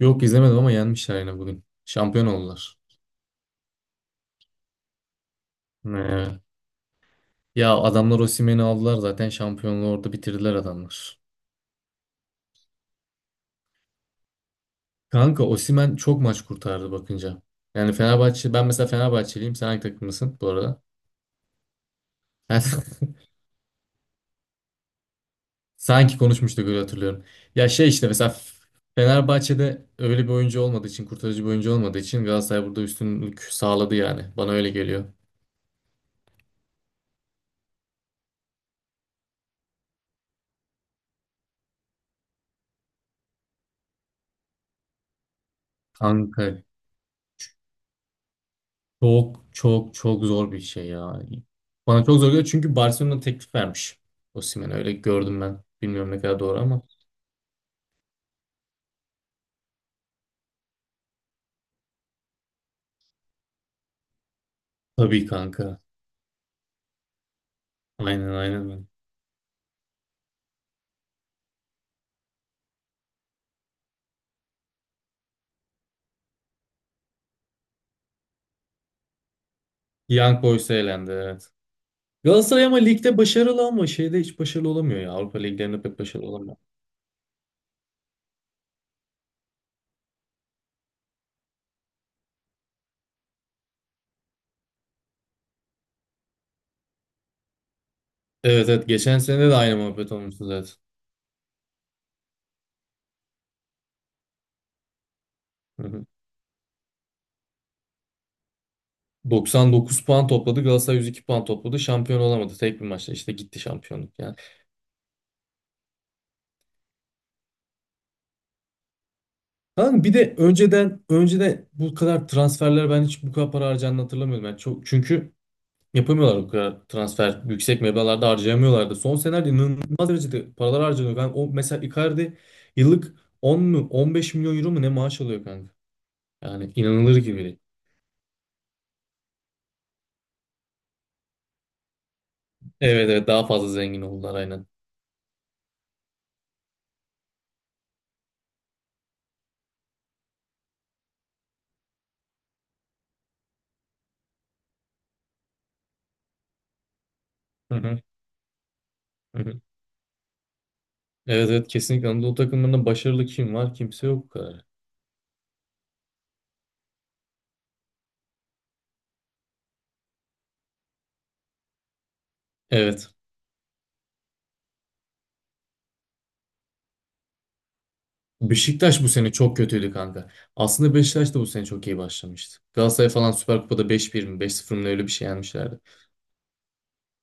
Yok izlemedim ama yenmişler yine bugün. Şampiyon oldular. Evet. Ya adamlar Osimhen'i aldılar zaten şampiyonluğu orada bitirdiler adamlar. Kanka Osimhen çok maç kurtardı bakınca. Yani Fenerbahçe ben mesela Fenerbahçeliyim. Sen hangi takımlısın bu arada? Ben- Sanki konuşmuştuk öyle hatırlıyorum. Ya mesela Fenerbahçe'de öyle bir oyuncu olmadığı için, kurtarıcı bir oyuncu olmadığı için Galatasaray burada üstünlük sağladı yani. Bana öyle geliyor. Kanka. Çok zor bir şey ya. Bana çok zor geliyor çünkü Barcelona teklif vermiş. Osimhen öyle gördüm ben. Bilmiyorum ne kadar doğru ama. Tabii kanka. Aynen. Young Boys'a elendi, evet. Galatasaray ama ligde başarılı ama şeyde hiç başarılı olamıyor ya. Avrupa liglerinde pek başarılı olamıyor. Evet, geçen sene de aynı muhabbet olmuştu zaten. Hı hı. 99 puan topladı. Galatasaray 102 puan topladı. Şampiyon olamadı. Tek bir maçta işte gitti şampiyonluk yani. Kanka bir de önceden bu kadar transferler ben hiç bu kadar para harcandığını hatırlamıyorum. Yani çok, çünkü yapamıyorlar bu kadar transfer. Yüksek meblağlarda harcayamıyorlardı. Son senelerde inanılmaz derecede paralar harcanıyor. Ben o mesela Icardi yıllık 10 mu 15 milyon euro mu ne maaş alıyor kanka. Yani inanılır gibi değil. Evet, daha fazla zengin oldular aynen. Hı hı. Hı hı. Evet, kesinlikle Anadolu takımlarında başarılı kim var? Kimse yok bu kadar. Evet. Beşiktaş bu sene çok kötüydü kanka. Aslında Beşiktaş da bu sene çok iyi başlamıştı. Galatasaray falan Süper Kupa'da beş bir mi beş sıfır mı öyle bir şey yenmişlerdi.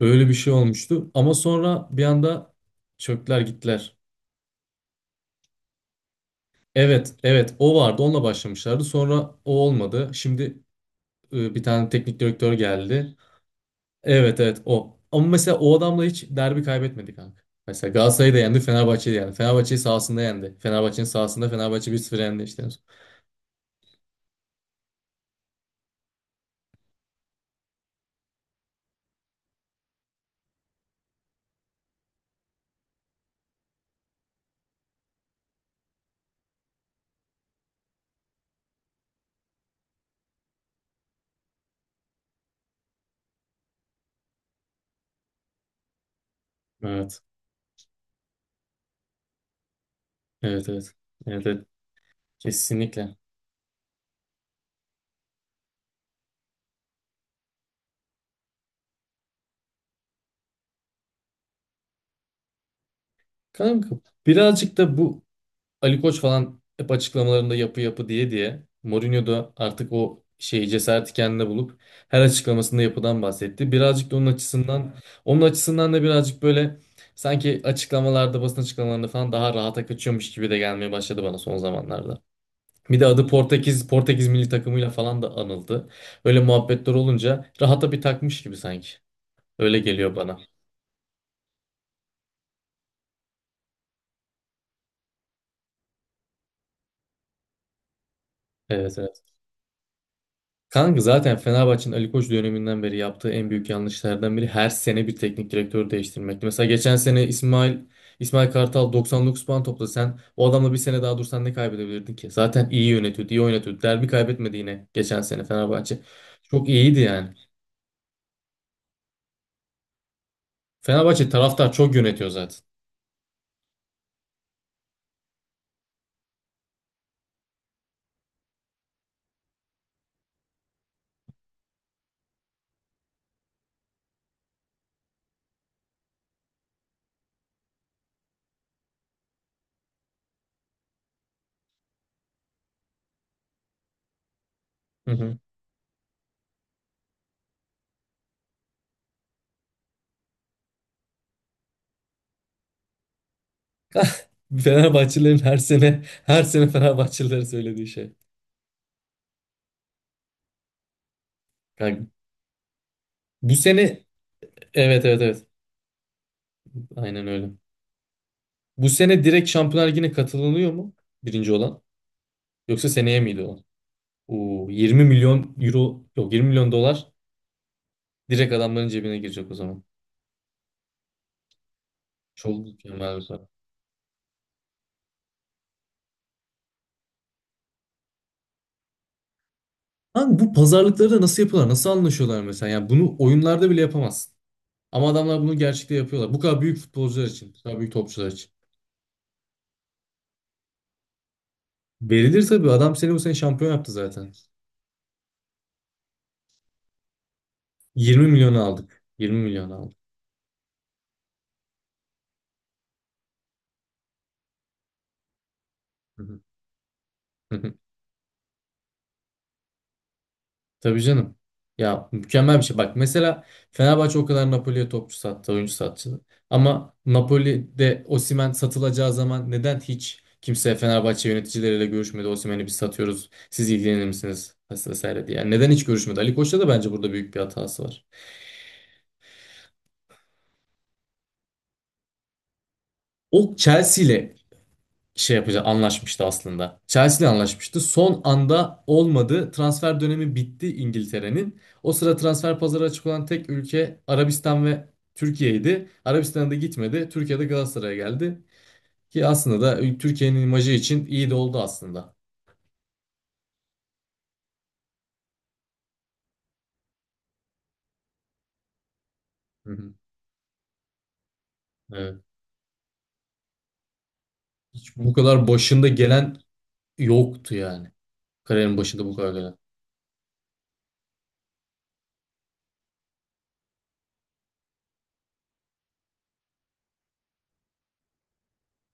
Öyle bir şey olmuştu ama sonra bir anda çöktüler gittiler. Evet, o vardı, onunla başlamışlardı, sonra o olmadı. Şimdi bir tane teknik direktör geldi. Evet, o. Ama mesela o adamla hiç derbi kaybetmedi kanka. Mesela Galatasaray'ı da yendi, Fenerbahçe'yi de yendi. Fenerbahçe'yi sahasında yendi. Fenerbahçe'nin sahasında Fenerbahçe bir sıfır yendi işte. Evet. Evet, evet. Evet, evet. Kesinlikle. Kanka birazcık da bu Ali Koç falan hep açıklamalarında yapı diye Mourinho da artık o şeyi cesareti kendine bulup her açıklamasında yapıdan bahsetti. Birazcık da onun açısından da birazcık böyle sanki basın açıklamalarında falan daha rahata kaçıyormuş gibi de gelmeye başladı bana son zamanlarda. Bir de adı Portekiz milli takımıyla falan da anıldı. Öyle muhabbetler olunca rahata bir takmış gibi sanki. Öyle geliyor bana. Evet, evet. Kanka zaten Fenerbahçe'nin Ali Koç döneminden beri yaptığı en büyük yanlışlardan biri her sene bir teknik direktörü değiştirmekti. Mesela geçen sene İsmail Kartal 99 puan topladı. Sen o adamla bir sene daha dursan ne kaybedebilirdin ki? Zaten iyi yönetiyordu, iyi oynatıyordu. Derbi kaybetmedi yine geçen sene Fenerbahçe. Çok iyiydi yani. Fenerbahçe taraftar çok yönetiyor zaten. Hı hı. Fenerbahçelilerin her sene Fenerbahçelilere söylediği şey. Kanka, bu sene, evet evet evet. Aynen öyle. Bu sene direkt Şampiyonlar Ligi'ne katılınıyor mu? Birinci olan. Yoksa seneye miydi o? Oo, 20 milyon euro, yok 20 milyon dolar direkt adamların cebine girecek o zaman. Çok mükemmel bir para. Lan bu pazarlıkları da nasıl yapıyorlar? Nasıl anlaşıyorlar mesela? Yani bunu oyunlarda bile yapamazsın. Ama adamlar bunu gerçekte yapıyorlar. Bu kadar büyük futbolcular için, bu kadar büyük topçular için. Verilir tabii. Adam seni bu sene şampiyon yaptı zaten. 20 milyonu aldık. Hı hı. Hı hı. Tabii canım. Ya mükemmel bir şey. Bak mesela Fenerbahçe o kadar Napoli'ye topçu sattı, oyuncu sattı. Ama Napoli'de Osimhen satılacağı zaman neden hiç kimse Fenerbahçe yöneticileriyle görüşmedi? Osimhen'i biz satıyoruz. Siz ilgilenir misiniz? Vesaire diye. Yani neden hiç görüşmedi? Ali Koç'ta da bence burada büyük bir hatası var. O Chelsea ile şey yapacak anlaşmıştı aslında. Chelsea ile anlaşmıştı. Son anda olmadı. Transfer dönemi bitti İngiltere'nin. O sıra transfer pazarı açık olan tek ülke Arabistan ve Türkiye'ydi. Arabistan'a da gitmedi. Türkiye'de Galatasaray'a geldi. Ki aslında da Türkiye'nin imajı için iyi de oldu aslında. Hı hı. Evet. Hiç bu kadar başında gelen yoktu yani. Kariyerin başında bu kadar gelen.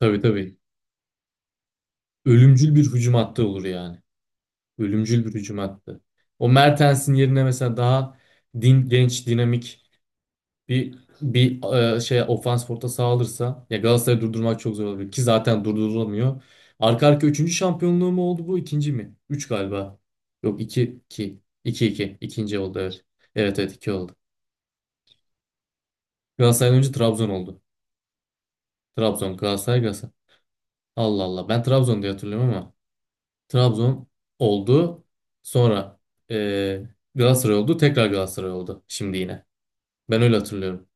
Tabii, tabii. Ölümcül bir hücum hattı olur yani. Ölümcül bir hücum attı. O Mertens'in yerine mesela daha genç, dinamik bir ofans forta sağlanırsa ya Galatasaray'ı durdurmak çok zor olabilir ki zaten durdurulamıyor. Arka arka üçüncü şampiyonluğu mu oldu bu? İkinci mi? Üç galiba. Yok iki. İkinci oldu evet. Evet, iki oldu. Galatasaray'dan önce Trabzon oldu. Trabzon, Galatasaray. Allah Allah. Ben Trabzon diye hatırlıyorum ama Trabzon oldu. Sonra e, Galatasaray oldu. Tekrar Galatasaray oldu. Şimdi yine. Ben öyle hatırlıyorum.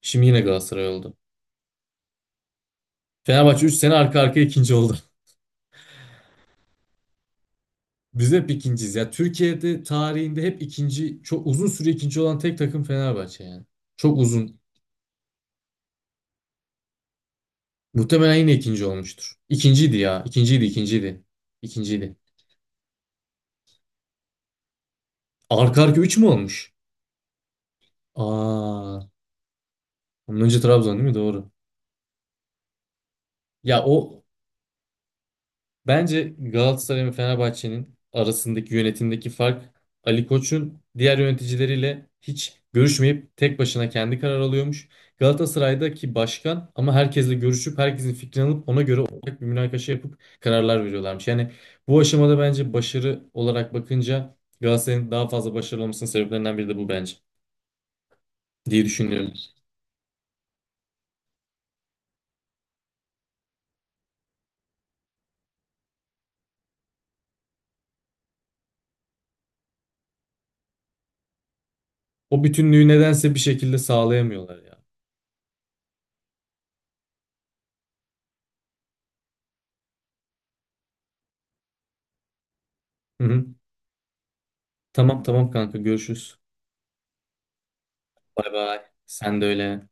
Şimdi yine Galatasaray oldu. Fenerbahçe 3 sene arka arkaya ikinci oldu. Biz hep ikinciyiz. Ya Türkiye'de tarihinde hep ikinci, çok uzun süre ikinci olan tek takım Fenerbahçe yani. Çok uzun. Muhtemelen yine ikinci olmuştur. İkinciydi ya. İkinciydi. İkinciydi. Arka arka 3 mü olmuş? Aa, bunun önce Trabzon değil mi? Doğru. Ya o, bence Galatasaray ve Fenerbahçe'nin arasındaki yönetimdeki fark, Ali Koç'un diğer yöneticileriyle hiç görüşmeyip tek başına kendi karar alıyormuş. Galatasaray'daki başkan ama herkesle görüşüp herkesin fikrini alıp ona göre ortak bir münakaşa yapıp kararlar veriyorlarmış. Yani bu aşamada bence başarı olarak bakınca Galatasaray'ın daha fazla başarılı olmasının sebeplerinden biri de bu bence diye düşünüyorum. O bütünlüğü nedense bir şekilde sağlayamıyorlar ya. Hı hı. Tamam tamam kanka, görüşürüz. Bay bay. Sen de öyle.